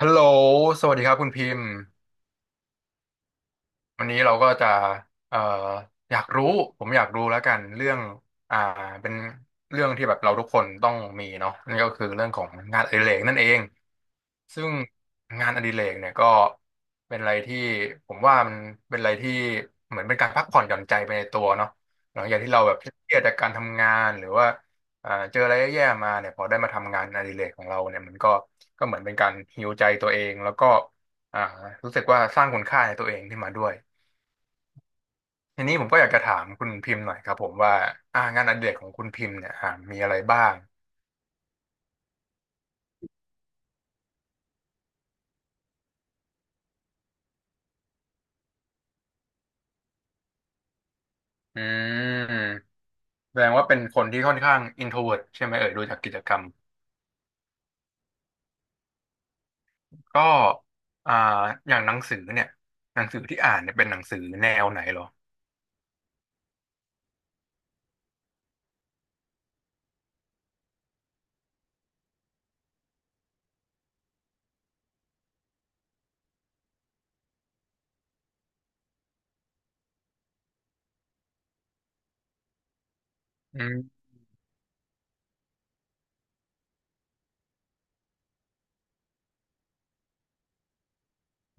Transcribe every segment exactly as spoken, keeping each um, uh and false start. ฮัลโหลสวัสดีครับคุณพิมพ์ วันนี้เราก็จะเอ่ออยากรู้ผมอยากรู้แล้วกันเรื่องอ่าเป็นเรื่องที่แบบเราทุกคนต้องมีเนาะนั่นก็คือเรื่องของงานอดิเรกนั่นเองซึ่งงานอดิเรกเนี่ยก็เป็นอะไรที่ผมว่ามันเป็นอะไรที่เหมือนเป็นการพักผ่อนหย่อนใจไปในตัวเนาะหลังจากที่เราแบบเครียดจากการทำงานหรือว่าอ่าเจออะไรแย่ๆมาเนี่ยพอได้มาทำงานอดิเรกของเราเนี่ยมันก็ก็เหมือนเป็นการฮีลใจตัวเองแล้วก็อ่ารู้สึกว่าสร้างคุณค่าในตัวเองขึ้นมาด้วย ทีนี้ผมก็อยากจะถามคุณพิมพ์หน่อยครับผมว่าอ่างานอดิเรกของคุณพิมพ์เนี่ยอ่ามีอะไรบ้างอืมแสดงว่าเป็นคนที่ค่อนข้าง introvert ใช่ไหมเอ่ยดูจากกิจกรรมก็อ่าอย่างหนังสือเนี่ยหนังสือที่อ่านเนี่ยเป็นหนังสือแนวไหนเหรออืม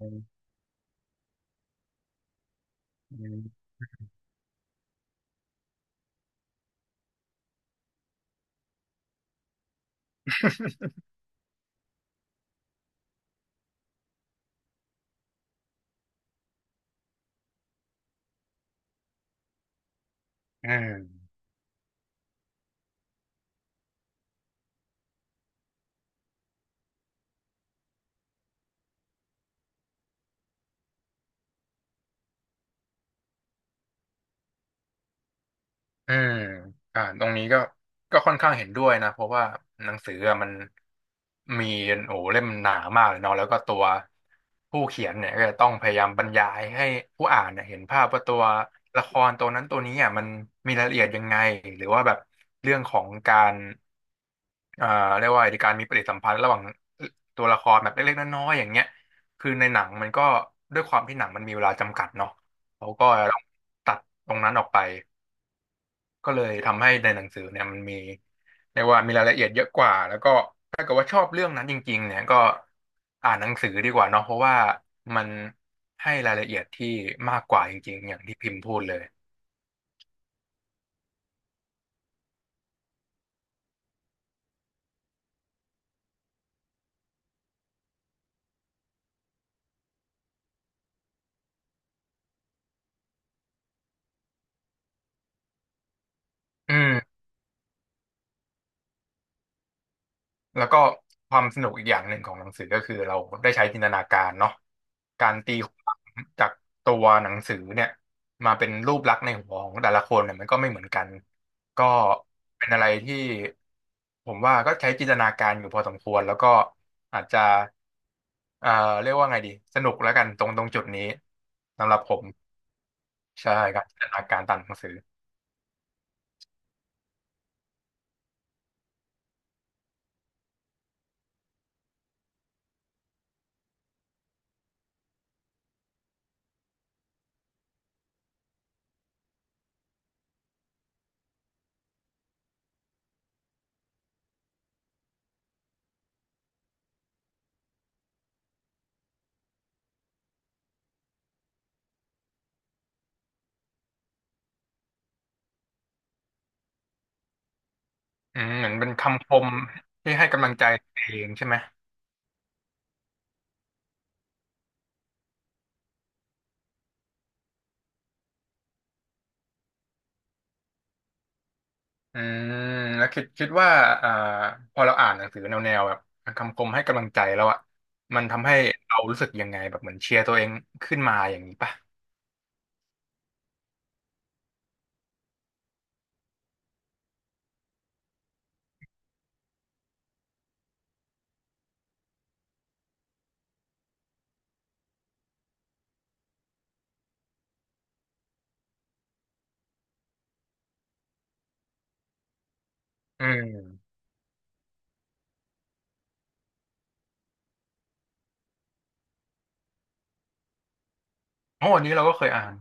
อืมอืม อืมอ่าตรงนี้ก็ก็ค่อนข้างเห็นด้วยนะเพราะว่าหนังสืออะมันมีโอ้โหเล่มหนามากเลยเนาะแล้วก็ตัวผู้เขียนเนี่ยก็จะต้องพยายามบรรยายให้ผู้อ่านเนี่ยเห็นภาพว่าตัวละครตัวนั้นตัวนี้อ่ะมันมีรายละเอียดยังไงหรือว่าแบบเรื่องของการเอ่าเรียกว่าอะไรดีการมีปฏิสัมพันธ์ระหว่างตัวละครแบบเล็กๆน้อยๆอย่างเงี้ยคือในหนังมันก็ด้วยความที่หนังมันมีเวลาจำกัดเนาะเขาก็ต้องตัดตรงนั้นออกไป ก็เลยทำให้ในหนังสือเนี่ยมันมีเรียกว่ามีรายละเอียดเยอะกว่าแล้วก็ถ้าเกิดว่าชอบเรื่องนั้นจริงๆเนี่ยก็อ่านหนังสือดีกว่าเนาะเพราะว่ามันให้รายละเอียดที่มากกว่าจริงๆอย่างที่พิมพ์พูดเลยอืม แล้วก็ความสนุกอีกอย่างหนึ่งของหนังสือก็คือเราได้ใช้จินตนาการเนาะการตีความจากตัวหนังสือเนี่ยมาเป็นรูปลักษณ์ในหัวของแต่ละคนเนี่ยมันก็ไม่เหมือนกันก็เป็นอะไรที่ผมว่าก็ใช้จินตนาการอยู่พอสมควรแล้วก็อาจจะเอ่อเรียกว่าไงดีสนุกแล้วกันตรงตรงจุดนี้สำหรับผมใช่ครับจินตนาการตามหนังสืออืมเหมือนเป็นคำคมที่ให้กำลังใจตัวเองใช่ไหม อืมแล้วคิดคิดว่าอ่าพอเราอ่านหนังสือแนวแนวแบบคำคมให้กำลังใจแล้วอ่ะมันทำให้เรารู้สึกยังไงแบบเหมือนเชียร์ตัวเองขึ้นมาอย่างนี้ป่ะอืมโอ้อันนี้เราก็เคยอ่าน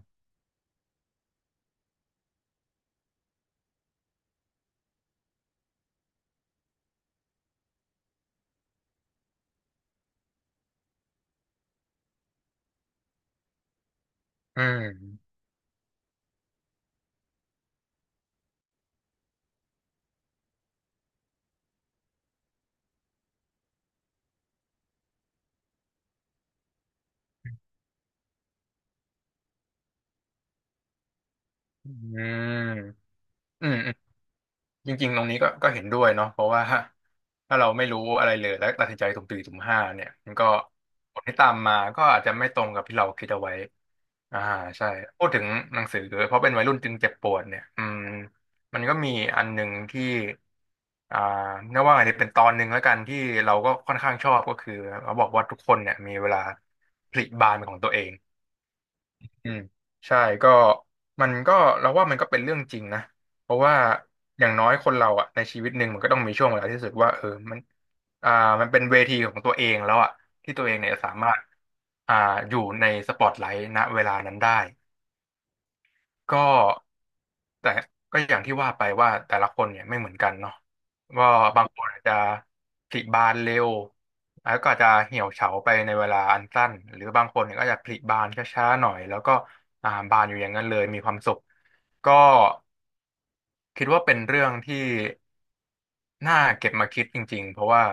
อืมอืมอืมอืม จริงๆ ตรงนี้ก็ก็เห็นด้วยเนาะเพราะว่า ถ้าเราไม่รู้อะไรเลยและตัดสินใจตุ่มสี่มตุ่มห้าเนี่ยมันก็ผลที่ตามมาก็อาจจะไม่ตรงกับที่เราคิดเอาไว้อ่าใช่พูดถึงหนังสือเพราะเป็นวัยรุ่นจึงเจ็บปวดเนี่ยอืมมันก็มีอันหนึ่งที่อ่าเรียกว่าไงดีเป็นตอนหนึ่งแล้วกันที่เราก็ค่อนข้างชอบก็คือเขาบอกว่าทุกคนเนี่ยมีเวลาผลิบานเป็นของตัวเอง อืมใช่ก็มันก็เราว่ามันก็เป็นเรื่องจริงนะเพราะว่าอย่างน้อยคนเราอะในชีวิตหนึ่งมันก็ต้องมีช่วงเวลาที่รู้สึกว่าเออมันอ่ามันเป็นเวทีของตัวเองแล้วอะที่ตัวเองเนี่ยสามารถอ่าอยู่ในสปอตไลท์ณเวลานั้นได้ ก็แต่ก็อย่างที่ว่าไปว่าแต่ละคนเนี่ยไม่เหมือนกันเนาะว่าบางคนอาจจะผลิบานเร็วแล้วก็อาจจะเหี่ยวเฉาไปในเวลาอันสั้นหรือบางคนเนี่ยก็จะผลิบานช้าๆหน่อยแล้วก็อ่าบานอยู่อย่างนั้นเลยมีความสุขก็คิดว่าเป็นเรื่องที่น่าเก็บมาคิดจริงๆเพราะว่า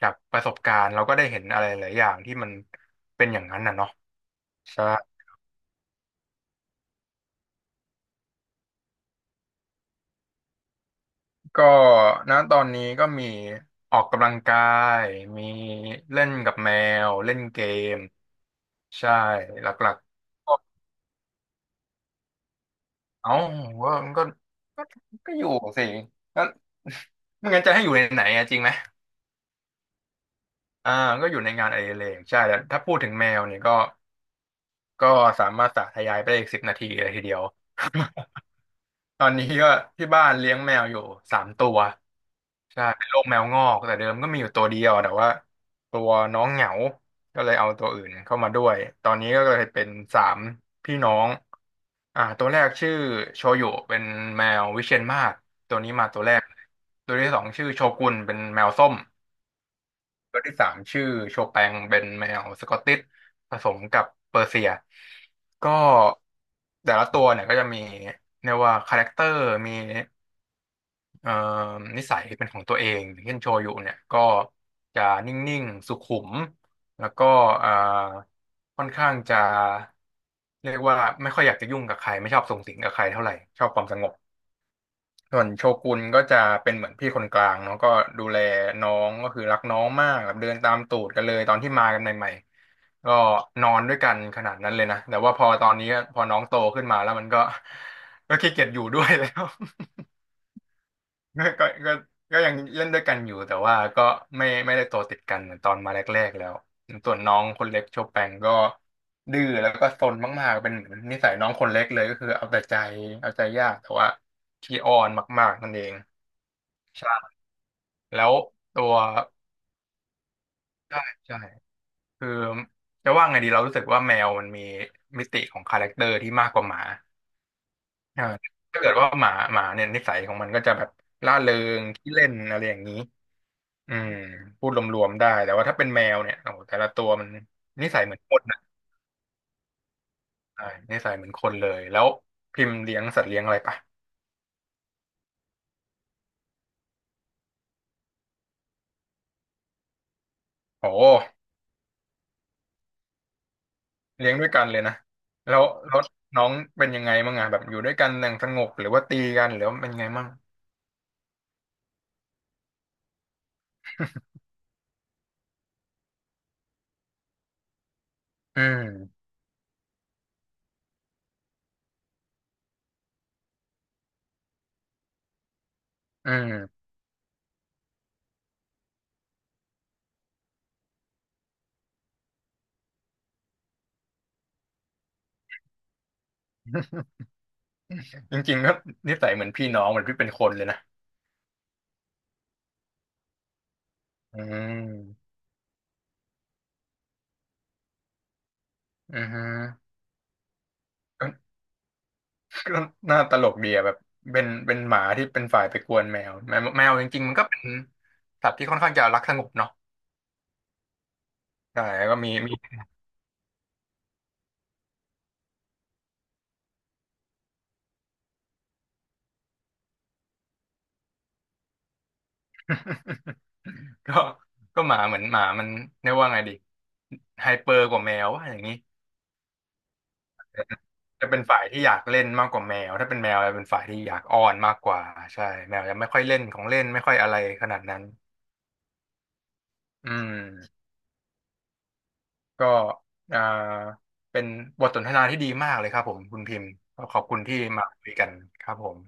จากประสบการณ์เราก็ได้เห็นอะไรหลายอย่างที่มันเป็นอย่างนั้นน่ะเนาะใช่ ก็ณตอนนี้ก็มีออกกำลังกายมีเล่นกับแมวเล่นเกมใช่หลักๆก็เอ้าว่ามันก็ก็ก็อยู่สิแล้วไม่งั้นจะให้อยู่ในไหนอะจริงไหมอ่าก็อยู่ในงานอดิเรกใช่แล้วถ้าพูดถึงแมวเนี่ยก็ก็สามารถสาธยายไปได้อีกสิบนาทีเลยทีเดียว ตอนนี้ก็ที่บ้านเลี้ยงแมวอยู่สามตัว ใช่เป็นโรคแมวงอกแต่เดิมก็มีอยู่ตัวเดียวแต่ว่าตัวน้องเหงา ก็เลยเอาตัวอื่นเข้ามาด้วยตอนนี้ก็เลยเป็นสามพี่น้องอ่าตัวแรกชื่อโชยุเป็นแมววิเชียรมาศตัวนี้มาตัวแรกตัวที่สองชื่อโชกุนเป็นแมวส้มตัวที่สามชื่อโชแปงเป็นแมวสกอตติชผสมกับเปอร์เซียก็แต่ละตัวเนี่ยก็จะมีเรียกว่าคาแรคเตอร์มี เอ่อนิสัยเป็นของตัวเองอย่างเช่นโชยุเนี่ยก็จะนิ่งๆสุขุมแล้วก็เอ่อค่อนข้างจะเรียกว่าไม่ค่อยอยากจะยุ่งกับใครไม่ชอบสุงสิงกับใครเท่าไหร่ชอบความสงบส่วนโชกุนก็จะเป็นเหมือนพี่คนกลางเนาะก็ดูแลน้องก็คือรักน้องมากแบบเดินตามตูดกันเลยตอนที่มากันใหม่ๆก็นอนด้วยกันขนาดนั้นเลยนะแต่ว่าพอตอนนี้พอน้องโตขึ้นมาแล้วมันก็ ก็ขี้เกียจอยู่ด้วยแล้ว ก็ก็ก็ก็ยังเล่นด้วยกันอยู่แต่ว่าก็ไม่ไม่ได้โตติดกันเหมือนตอนมาแรกๆแล้วส่วนน้องคนเล็กโชแปงก็ดื้อแล้วก็ซนมากๆเป็นเหมือนนิสัยน้องคนเล็กเลยก็คือเอาแต่ใจเอาใจยากแต่ว่าขี้อ้อนมากๆนั่นเองใช่แล้วตัวใช่ใช่คือจะว่าไงดีเรารู้สึกว่าแมวมันมีมิติของคาแรคเตอร์ที่มากกว่าหมาอ่าถ้าเกิดว่าหมาหมาเนี่ยนิสัยของมันก็จะแบบร่าเริงขี้เล่นอะไรอย่างนี้ อืมพูดรวมๆได้แต่ว่าถ้าเป็นแมวเนี่ยโอ้โหแต่ละตัวมันนิสัยเหมือนคนนะใช่นิสัยเหมือนคนเลยแล้วพิมพ์เลี้ยงสัตว์เลี้ยงอะไรปะโอ้เลี้ยงด้วยกันเลยนะแล้วแล้วน้องเป็นยังไงมั่งอะแบบอยู่ด้วยกันอย่างสงบหรือว่าตีกันหรือว่าเป็นยังไงมั่งอืมอืม จริงๆก็นิสัยเหมือนพี่น้องเหมือนพี่เป็นคนเลยนะอืมอือฮึก็ก็น่าตลกดีอะแบบเป็นเป็นหมาที่เป็นฝ่ายไปกวนแมวแมวแมวจริงๆมันก็เป็นสัตว์ที่ค่อนข้างจะรักสงบเนาะ ใช่แล้วก็มีมี ก็ก็หมาเหมือนหมามันเรียกว่าไงดีไฮเปอร์กว่าแมวว่าอย่างนี้จะเป็นฝ่ายที่อยากเล่นมากกว่าแมวถ้าเป็นแมวจะเป็นฝ่ายที่อยากอ้อนมากกว่าใช่แมวจะไม่ค่อยเล่นของเล่นไม่ค่อยอะไรขนาดนั้นอืมก็อ่าเป็นบทสนทนาที่ดีมากเลยครับผมคุณพิมพ์ก็ขอบคุณที่มาคุยกันครับผม